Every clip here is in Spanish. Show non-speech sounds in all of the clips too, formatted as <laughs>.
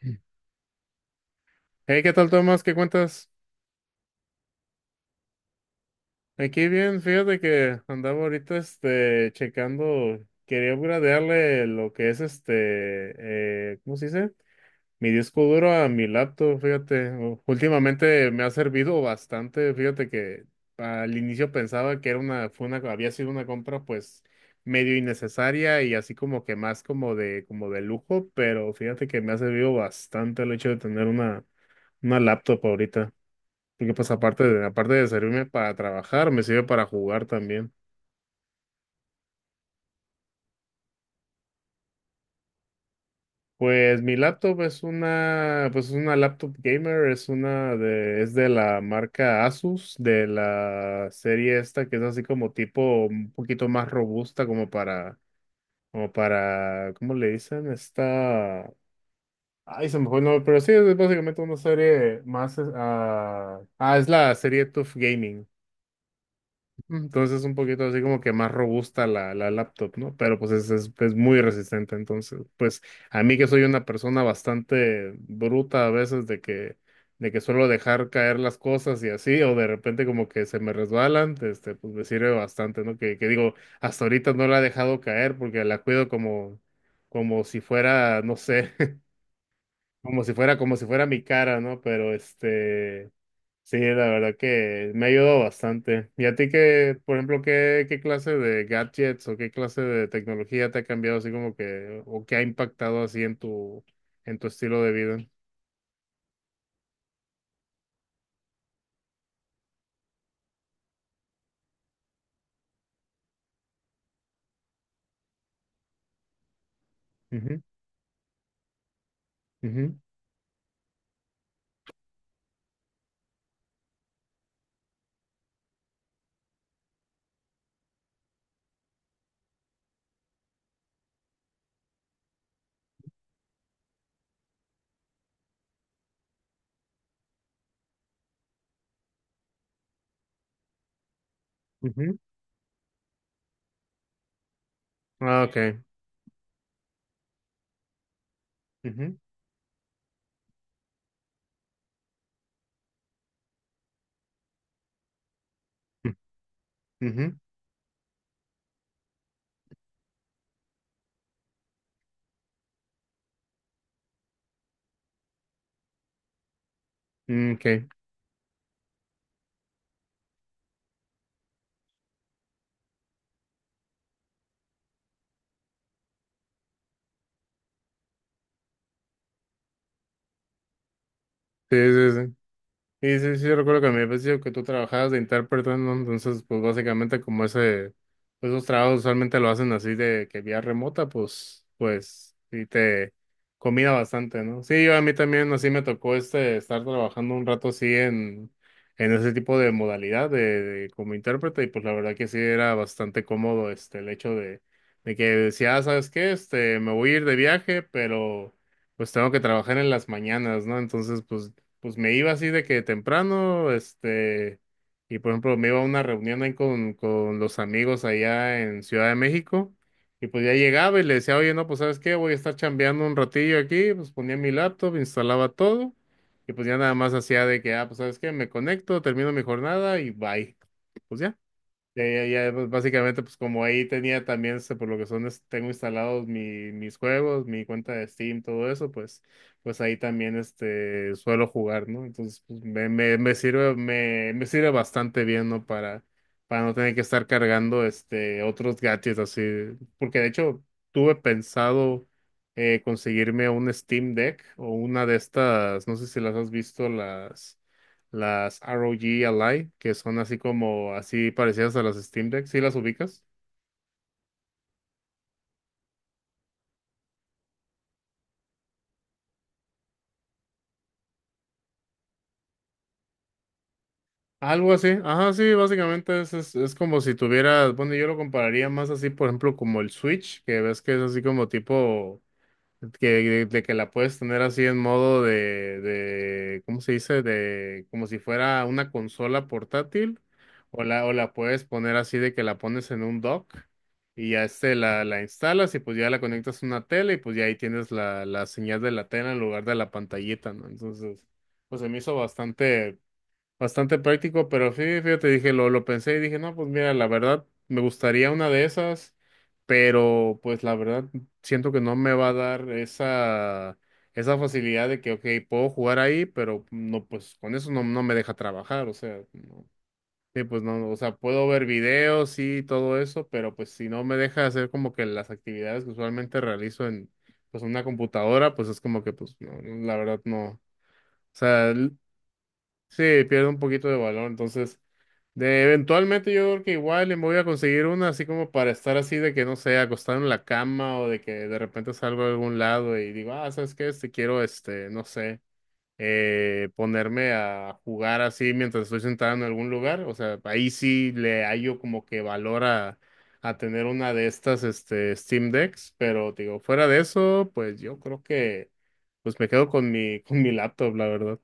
Hey, ¿qué tal, Tomás? ¿Qué cuentas? Aquí bien, fíjate que andaba ahorita este checando, quería upgradearle lo que es este, ¿cómo se dice? Mi disco duro a mi laptop, fíjate. Últimamente me ha servido bastante, fíjate que al inicio pensaba que era una, fue una, había sido una compra pues medio innecesaria y así como que más como de lujo, pero fíjate que me ha servido bastante el hecho de tener una laptop ahorita. Porque pues aparte de servirme para trabajar, me sirve para jugar también. Pues mi laptop es una, pues es una laptop gamer, es una de, es de la marca Asus, de la serie esta que es así como tipo un poquito más robusta como para, ¿cómo le dicen? Esta, ay, se me fue el nombre, pero sí, es básicamente una serie más, es la serie TUF Gaming. Entonces es un poquito así como que más robusta la laptop, ¿no? Pero pues es muy resistente. Entonces, pues a mí que soy una persona bastante bruta a veces de que suelo dejar caer las cosas y así, o de repente como que se me resbalan, este, pues me sirve bastante, ¿no? Que digo, hasta ahorita no la he dejado caer porque la cuido como, como si fuera, no sé, <laughs> como si fuera mi cara, ¿no? Pero este... Sí, la verdad que me ha ayudado bastante. ¿Y a ti qué, por ejemplo, qué, clase de gadgets o qué clase de tecnología te ha cambiado así como que, o qué ha impactado así en tu estilo de vida? Ujú, ujú, ujú. Ah, ok. Ujú, ujú, ujú. Mm, ok. Sí, sí, sí. Sí, sí, sí, yo recuerdo que me habías dicho que tú trabajabas de intérprete, ¿no? Entonces, pues básicamente como ese, pues, esos trabajos usualmente lo hacen así de que vía remota, pues, pues, sí te combina bastante, ¿no? Sí, yo a mí también así me tocó este, estar trabajando un rato así en, ese tipo de modalidad de como intérprete, y pues la verdad que sí era bastante cómodo este, el hecho de que decía, "Ah, ¿sabes qué? Este, me voy a ir de viaje, pero pues tengo que trabajar en las mañanas, ¿no? Entonces, pues me iba así de que temprano, este, y por ejemplo me iba a una reunión ahí con los amigos allá en Ciudad de México, y pues ya llegaba y le decía, oye, no, pues ¿sabes qué? Voy a estar chambeando un ratillo aquí, pues ponía mi laptop, instalaba todo, y pues ya nada más hacía de que, ah, pues ¿sabes qué? Me conecto, termino mi jornada y bye." Pues ya. Ya, ya, ya, pues, básicamente, pues como ahí tenía también, este, por lo que son, tengo instalados mis juegos, mi cuenta de Steam, todo eso, pues, pues ahí también, este, suelo jugar, ¿no? Entonces, pues, me sirve, me sirve bastante bien, ¿no? Para no tener que estar cargando, este, otros gadgets así, porque de hecho, tuve pensado conseguirme un Steam Deck o una de estas, no sé si las has visto, las ROG Ally, que son así como, así parecidas a las Steam Deck, ¿sí las ubicas? Algo así, ajá, sí, básicamente es como si tuvieras, bueno, yo lo compararía más así, por ejemplo, como el Switch, que ves que es así como tipo, que, de que la puedes tener así en modo de, ¿cómo se dice? De, como si fuera una consola portátil, o la puedes poner así de que la pones en un dock y ya este la instalas y pues ya la conectas a una tele y pues ya ahí tienes la señal de la tele en lugar de la pantallita, ¿no? Entonces, pues se me hizo bastante, bastante práctico, pero sí, fíjate, dije, lo pensé y dije, no, pues mira, la verdad, me gustaría una de esas, pero pues la verdad, siento que no me va a dar esa facilidad de que, ok, puedo jugar ahí, pero no, pues con eso no, no me deja trabajar, o sea, no. Sí, pues no, o sea, puedo ver videos y todo eso, pero pues si no me deja hacer como que las actividades que usualmente realizo en, pues, una computadora, pues es como que, pues, no, la verdad, no. O sea, sí, pierde un poquito de valor, entonces de eventualmente yo creo que igual le voy a conseguir una así como para estar así de que no sé, acostado en la cama o de que de repente salgo a algún lado y digo, ah, ¿sabes qué? Este quiero este, no sé, ponerme a jugar así mientras estoy sentado en algún lugar, o sea, ahí sí le hallo como que valor a, tener una de estas este Steam Decks, pero digo, fuera de eso, pues yo creo que pues me quedo con mi <laughs> con mi laptop, la verdad.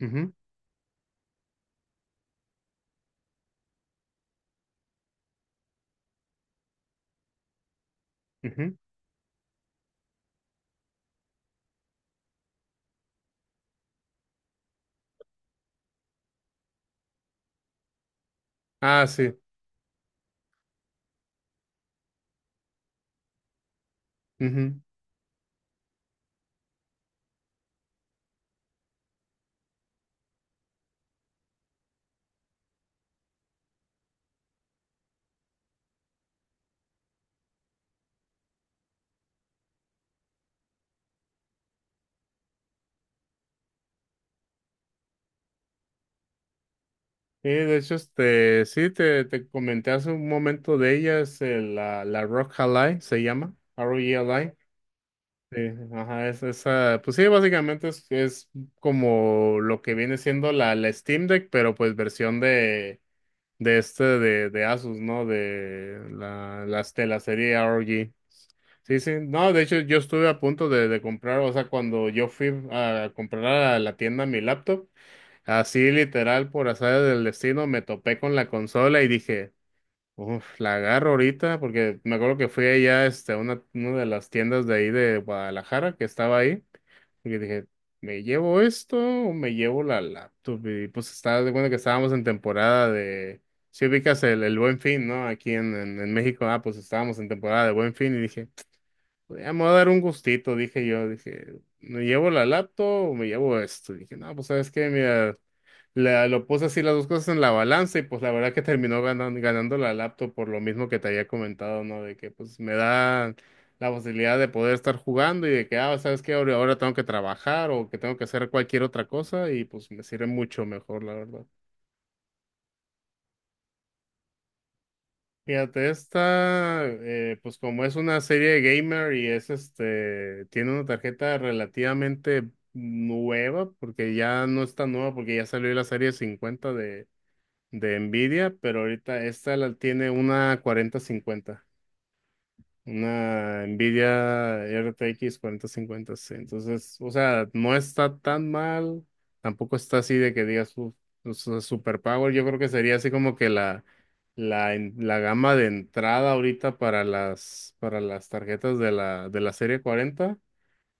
Ujú, ujú. Ah, sí. Ujú. Sí, de hecho, este, sí, te comenté hace un momento de ellas, la Rock Ally se llama, R-O-E-L-I. Sí, ajá, es, esa, pues sí, básicamente es como lo que viene siendo la Steam Deck, pero pues versión de este, de, de, Asus, ¿no? Las de la serie ROG. Sí, sí, no, de hecho yo estuve a punto de comprar, o sea, cuando yo fui a comprar a la tienda mi laptop, así literal, por azar del destino, me topé con la consola y dije, uff, la agarro ahorita, porque me acuerdo que fui allá este, a una de las tiendas de ahí de Guadalajara que estaba ahí, y dije, ¿me llevo esto o me llevo la laptop? Y pues estaba de cuenta que estábamos en temporada de, si ubicas el Buen Fin, ¿no? Aquí en, en México, ah, pues estábamos en temporada de Buen Fin y dije, "Pues, ya me voy a dar un gustito", dije yo, dije, ¿me llevo la laptop o me llevo esto? Dije, no, pues sabes qué, mira. Lo puse así las dos cosas en la balanza y pues la verdad que terminó ganando la laptop por lo mismo que te había comentado, ¿no? De que pues me da la facilidad de poder estar jugando y de que, ah, ¿sabes qué? Ahora, ahora tengo que trabajar o que tengo que hacer cualquier otra cosa y pues me sirve mucho mejor, la verdad. Fíjate, esta, pues como es una serie de gamer y es este, tiene una tarjeta relativamente nueva, porque ya no es tan nueva, porque ya salió la serie 50 de Nvidia, pero ahorita esta la tiene una 4050, una Nvidia RTX 4050, sí. Entonces, o sea, no está tan mal, tampoco está así de que digas su, super power. Yo creo que sería así como que la gama de entrada ahorita para las tarjetas de la serie 40,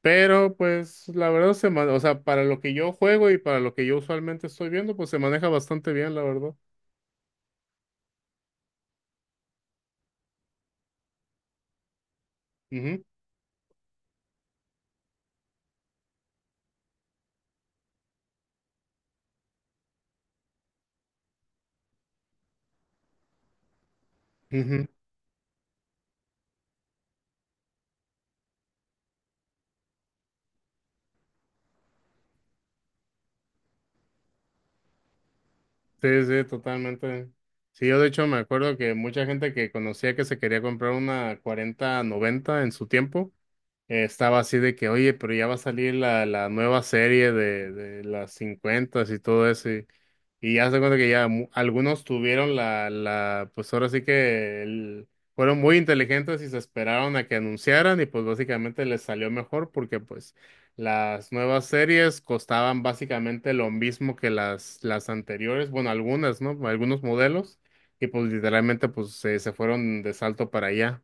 pero pues la verdad o sea, para lo que yo juego y para lo que yo usualmente estoy viendo, pues se maneja bastante bien, la verdad. Ujú. Ujú. Sí, sí, totalmente. Sí, yo de hecho me acuerdo que mucha gente que conocía que se quería comprar una 4090 en su tiempo, estaba así de que, oye, pero ya va a salir la nueva serie de, las 50 y todo eso. Y ya se cuenta que ya algunos tuvieron la, pues ahora sí que fueron muy inteligentes y se esperaron a que anunciaran y pues básicamente les salió mejor porque pues las nuevas series costaban básicamente lo mismo que las anteriores, bueno, algunas, ¿no? Algunos modelos y pues literalmente pues se fueron de salto para allá.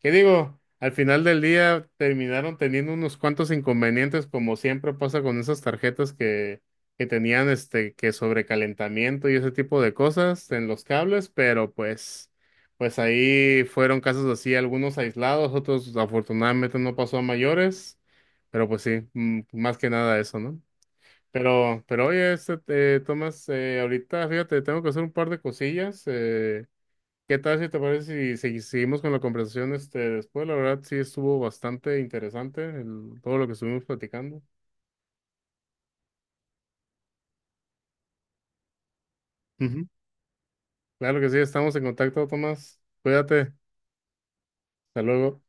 ¿Qué digo? Al final del día terminaron teniendo unos cuantos inconvenientes, como siempre pasa con esas tarjetas que tenían este, que sobrecalentamiento y ese tipo de cosas en los cables, pero pues, pues ahí fueron casos así, algunos aislados, otros afortunadamente no pasó a mayores, pero pues sí, más que nada eso, ¿no? Pero oye, este, Tomás, ahorita, fíjate, tengo que hacer un par de cosillas. ¿Qué tal si te parece si, seguimos con la conversación este, después? La verdad sí estuvo bastante interesante todo lo que estuvimos platicando. Ujú. Claro que sí, estamos en contacto, Tomás. Cuídate. Hasta luego.